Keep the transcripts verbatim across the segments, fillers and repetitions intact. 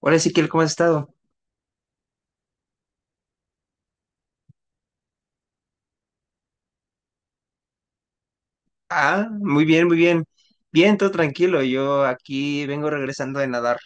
Hola Ezequiel, ¿cómo has estado? Ah, muy bien, muy bien. Bien, todo tranquilo. Yo aquí vengo regresando de nadar.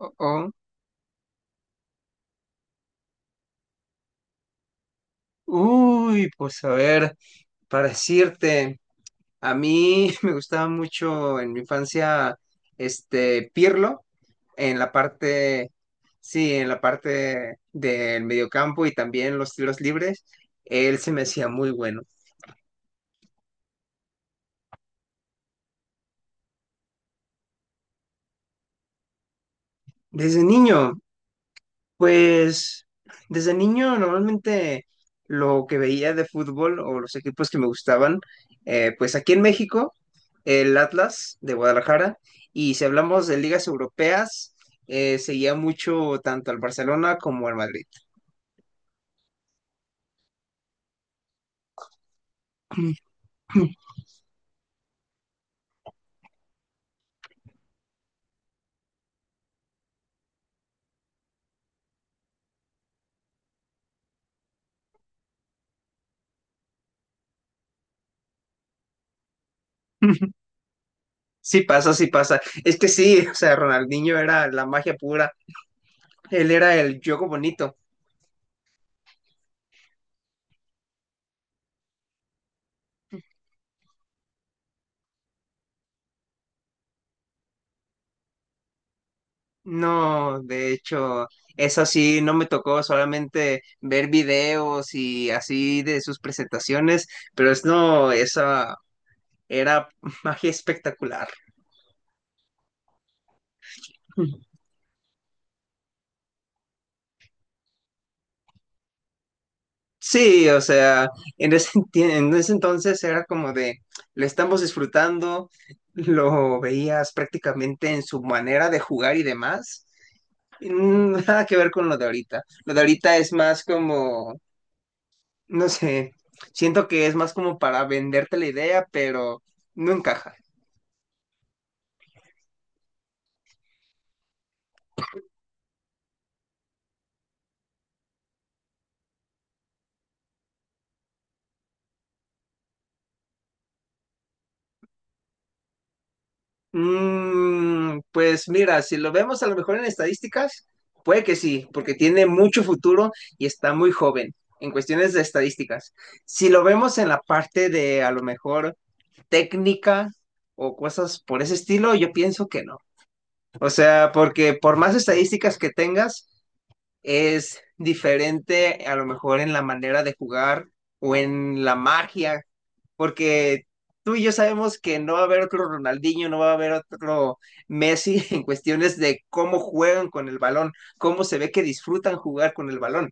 Oh, oh. Uy, pues a ver, para decirte, a mí me gustaba mucho en mi infancia este Pirlo en la parte, sí, en la parte del mediocampo y también los tiros libres. Él se me hacía muy bueno. Desde niño, pues desde niño normalmente lo que veía de fútbol o los equipos que me gustaban, eh, pues aquí en México, el Atlas de Guadalajara, y si hablamos de ligas europeas, eh, seguía mucho tanto al Barcelona como al Madrid. Sí pasa, sí pasa. Es que sí, o sea, Ronaldinho era la magia pura, él era el juego bonito. No, de hecho, eso sí no me tocó, solamente ver videos y así de sus presentaciones, pero es no, esa era magia espectacular. Sí, o sea, en ese, enti- en ese entonces era como de, lo estamos disfrutando, lo veías prácticamente en su manera de jugar y demás. Y nada que ver con lo de ahorita. Lo de ahorita es más como, no sé, siento que es más como para venderte la idea, pero no encaja. Mm, pues mira, si lo vemos a lo mejor en estadísticas, puede que sí, porque tiene mucho futuro y está muy joven en cuestiones de estadísticas. Si lo vemos en la parte de a lo mejor técnica o cosas por ese estilo, yo pienso que no. O sea, porque por más estadísticas que tengas, es diferente a lo mejor en la manera de jugar o en la magia, porque tú y yo sabemos que no va a haber otro Ronaldinho, no va a haber otro Messi en cuestiones de cómo juegan con el balón, cómo se ve que disfrutan jugar con el balón.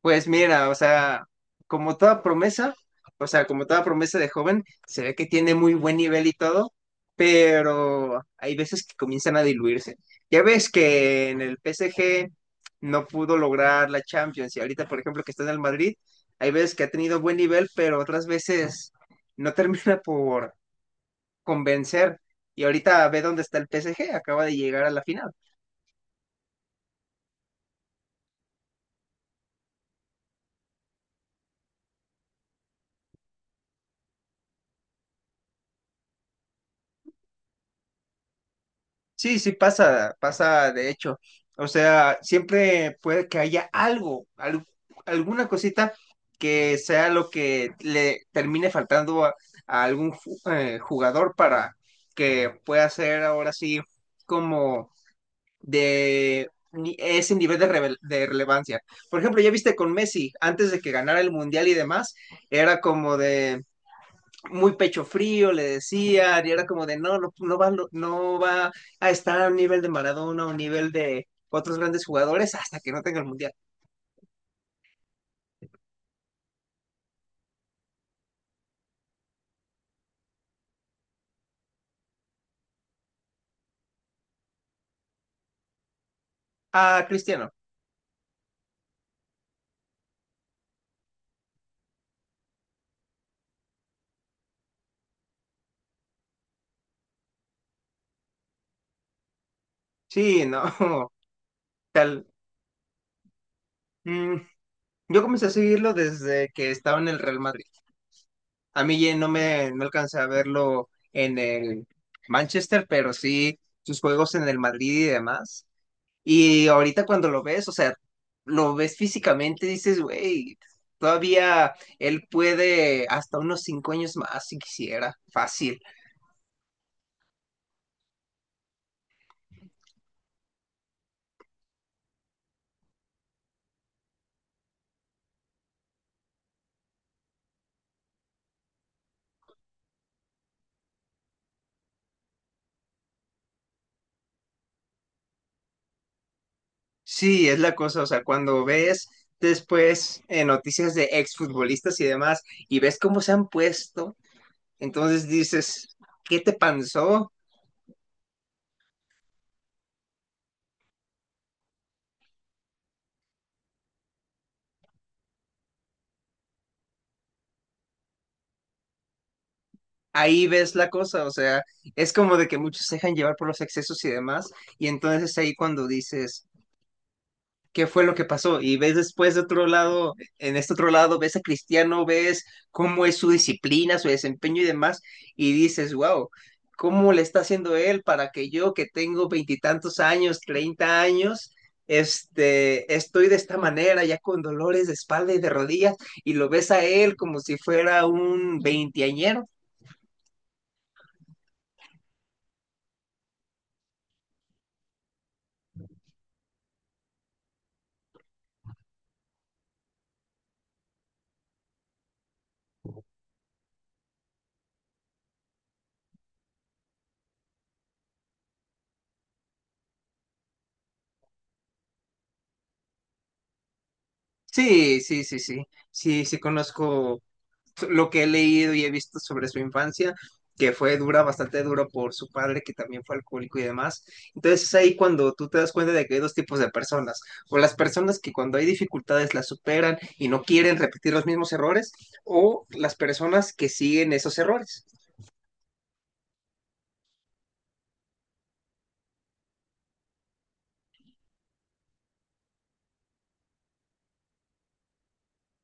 Pues mira, o sea, como toda promesa, o sea, como toda promesa de joven, se ve que tiene muy buen nivel y todo, pero hay veces que comienzan a diluirse. Ya ves que en el P S G no pudo lograr la Champions y ahorita, por ejemplo, que está en el Madrid, hay veces que ha tenido buen nivel, pero otras veces no termina por convencer. Y ahorita ve dónde está el P S G, acaba de llegar a la final. Sí, sí pasa, pasa de hecho. O sea, siempre puede que haya algo, al- alguna cosita que sea lo que le termine faltando a, a algún ju- eh, jugador para que pueda ser ahora sí como de ni- ese nivel de, revel- de relevancia. Por ejemplo, ya viste con Messi, antes de que ganara el Mundial y demás, era como de muy pecho frío, le decían, y era como de, no, no, no va, no va a estar a un nivel de Maradona o un nivel de otros grandes jugadores hasta que no tenga el Mundial. Ah, Cristiano, sí, no, tal. Mm, yo comencé a seguirlo desde que estaba en el Real Madrid. A mí ya no me no alcancé a verlo en el Manchester, pero sí sus juegos en el Madrid y demás. Y ahorita cuando lo ves, o sea, lo ves físicamente, dices, güey, todavía él puede hasta unos cinco años más si quisiera, fácil. Sí, es la cosa, o sea, cuando ves después eh, noticias de exfutbolistas y demás y ves cómo se han puesto, entonces dices, ¿qué te pasó? Ahí ves la cosa, o sea, es como de que muchos se dejan llevar por los excesos y demás, y entonces ahí cuando dices, qué fue lo que pasó. Y ves después de otro lado, en este otro lado, ves a Cristiano, ves cómo es su disciplina, su desempeño y demás, y dices, wow, ¿cómo le está haciendo él para que yo, que tengo veintitantos años, treinta años, este, estoy de esta manera, ya con dolores de espalda y de rodillas, y lo ves a él como si fuera un veinteañero? Sí, sí, sí, sí. Sí, sí conozco, so, lo que he leído y he visto sobre su infancia, que fue dura, bastante duro por su padre, que también fue alcohólico y demás. Entonces es ahí cuando tú te das cuenta de que hay dos tipos de personas, o las personas que cuando hay dificultades las superan y no quieren repetir los mismos errores, o las personas que siguen esos errores.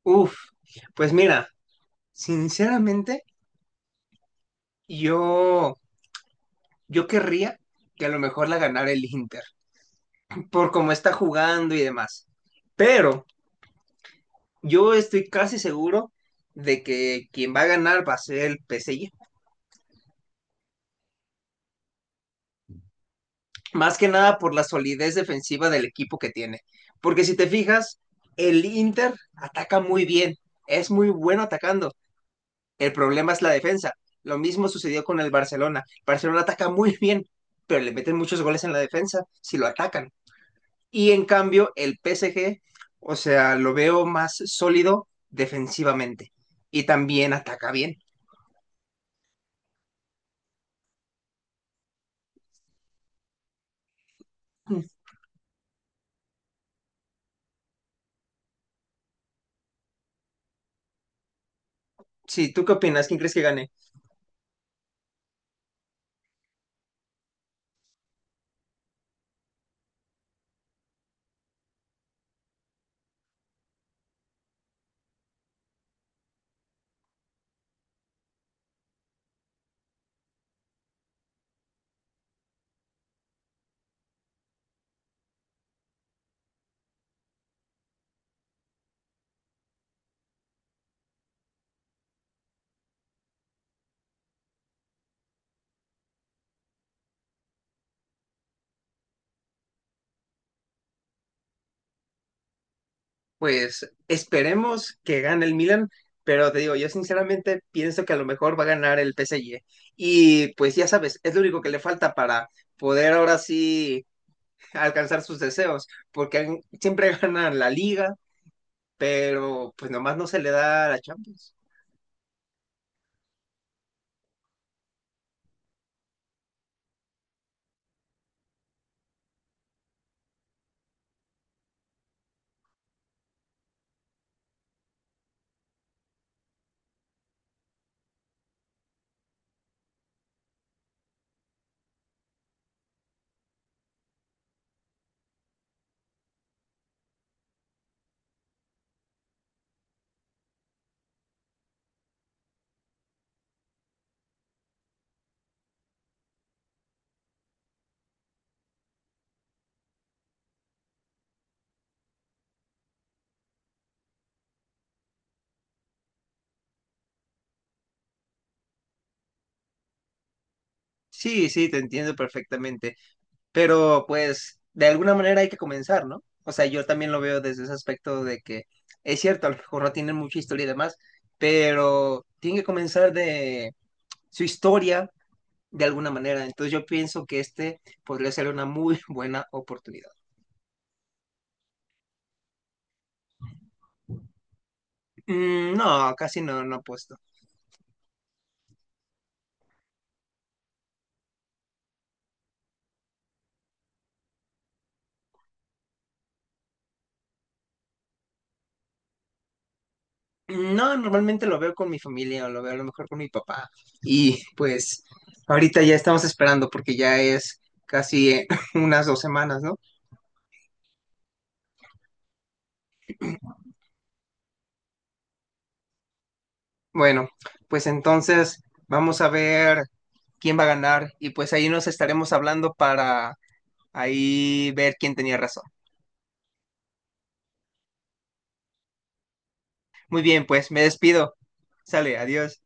Uf, pues mira, sinceramente, yo, yo querría que a lo mejor la ganara el Inter, por cómo está jugando y demás. Pero yo estoy casi seguro de que quien va a ganar va a ser el P S G, más que nada por la solidez defensiva del equipo que tiene. Porque si te fijas, el Inter ataca muy bien, es muy bueno atacando. El problema es la defensa. Lo mismo sucedió con el Barcelona. Barcelona ataca muy bien, pero le meten muchos goles en la defensa si lo atacan. Y en cambio, el P S G, o sea, lo veo más sólido defensivamente y también ataca bien. Sí, ¿tú qué opinas? ¿Quién crees que gane? Pues esperemos que gane el Milan, pero te digo, yo sinceramente pienso que a lo mejor va a ganar el P S G. Y pues ya sabes, es lo único que le falta para poder ahora sí alcanzar sus deseos, porque han- siempre ganan la Liga, pero pues nomás no se le da la Champions. Sí, sí, te entiendo perfectamente. Pero pues de alguna manera hay que comenzar, ¿no? O sea, yo también lo veo desde ese aspecto de que es cierto, a lo mejor no tienen mucha historia y demás, pero tienen que comenzar de su historia de alguna manera. Entonces yo pienso que este podría ser una muy buena oportunidad. Mm, no, casi no, no apuesto. Mm, no, normalmente lo veo con mi familia o lo veo a lo mejor con mi papá. Y pues ahorita ya estamos esperando porque ya es casi eh, unas dos semanas, ¿no? Bueno, pues entonces vamos a ver quién va a ganar y pues ahí nos estaremos hablando para ahí ver quién tenía razón. Muy bien, pues me despido. Sale, adiós.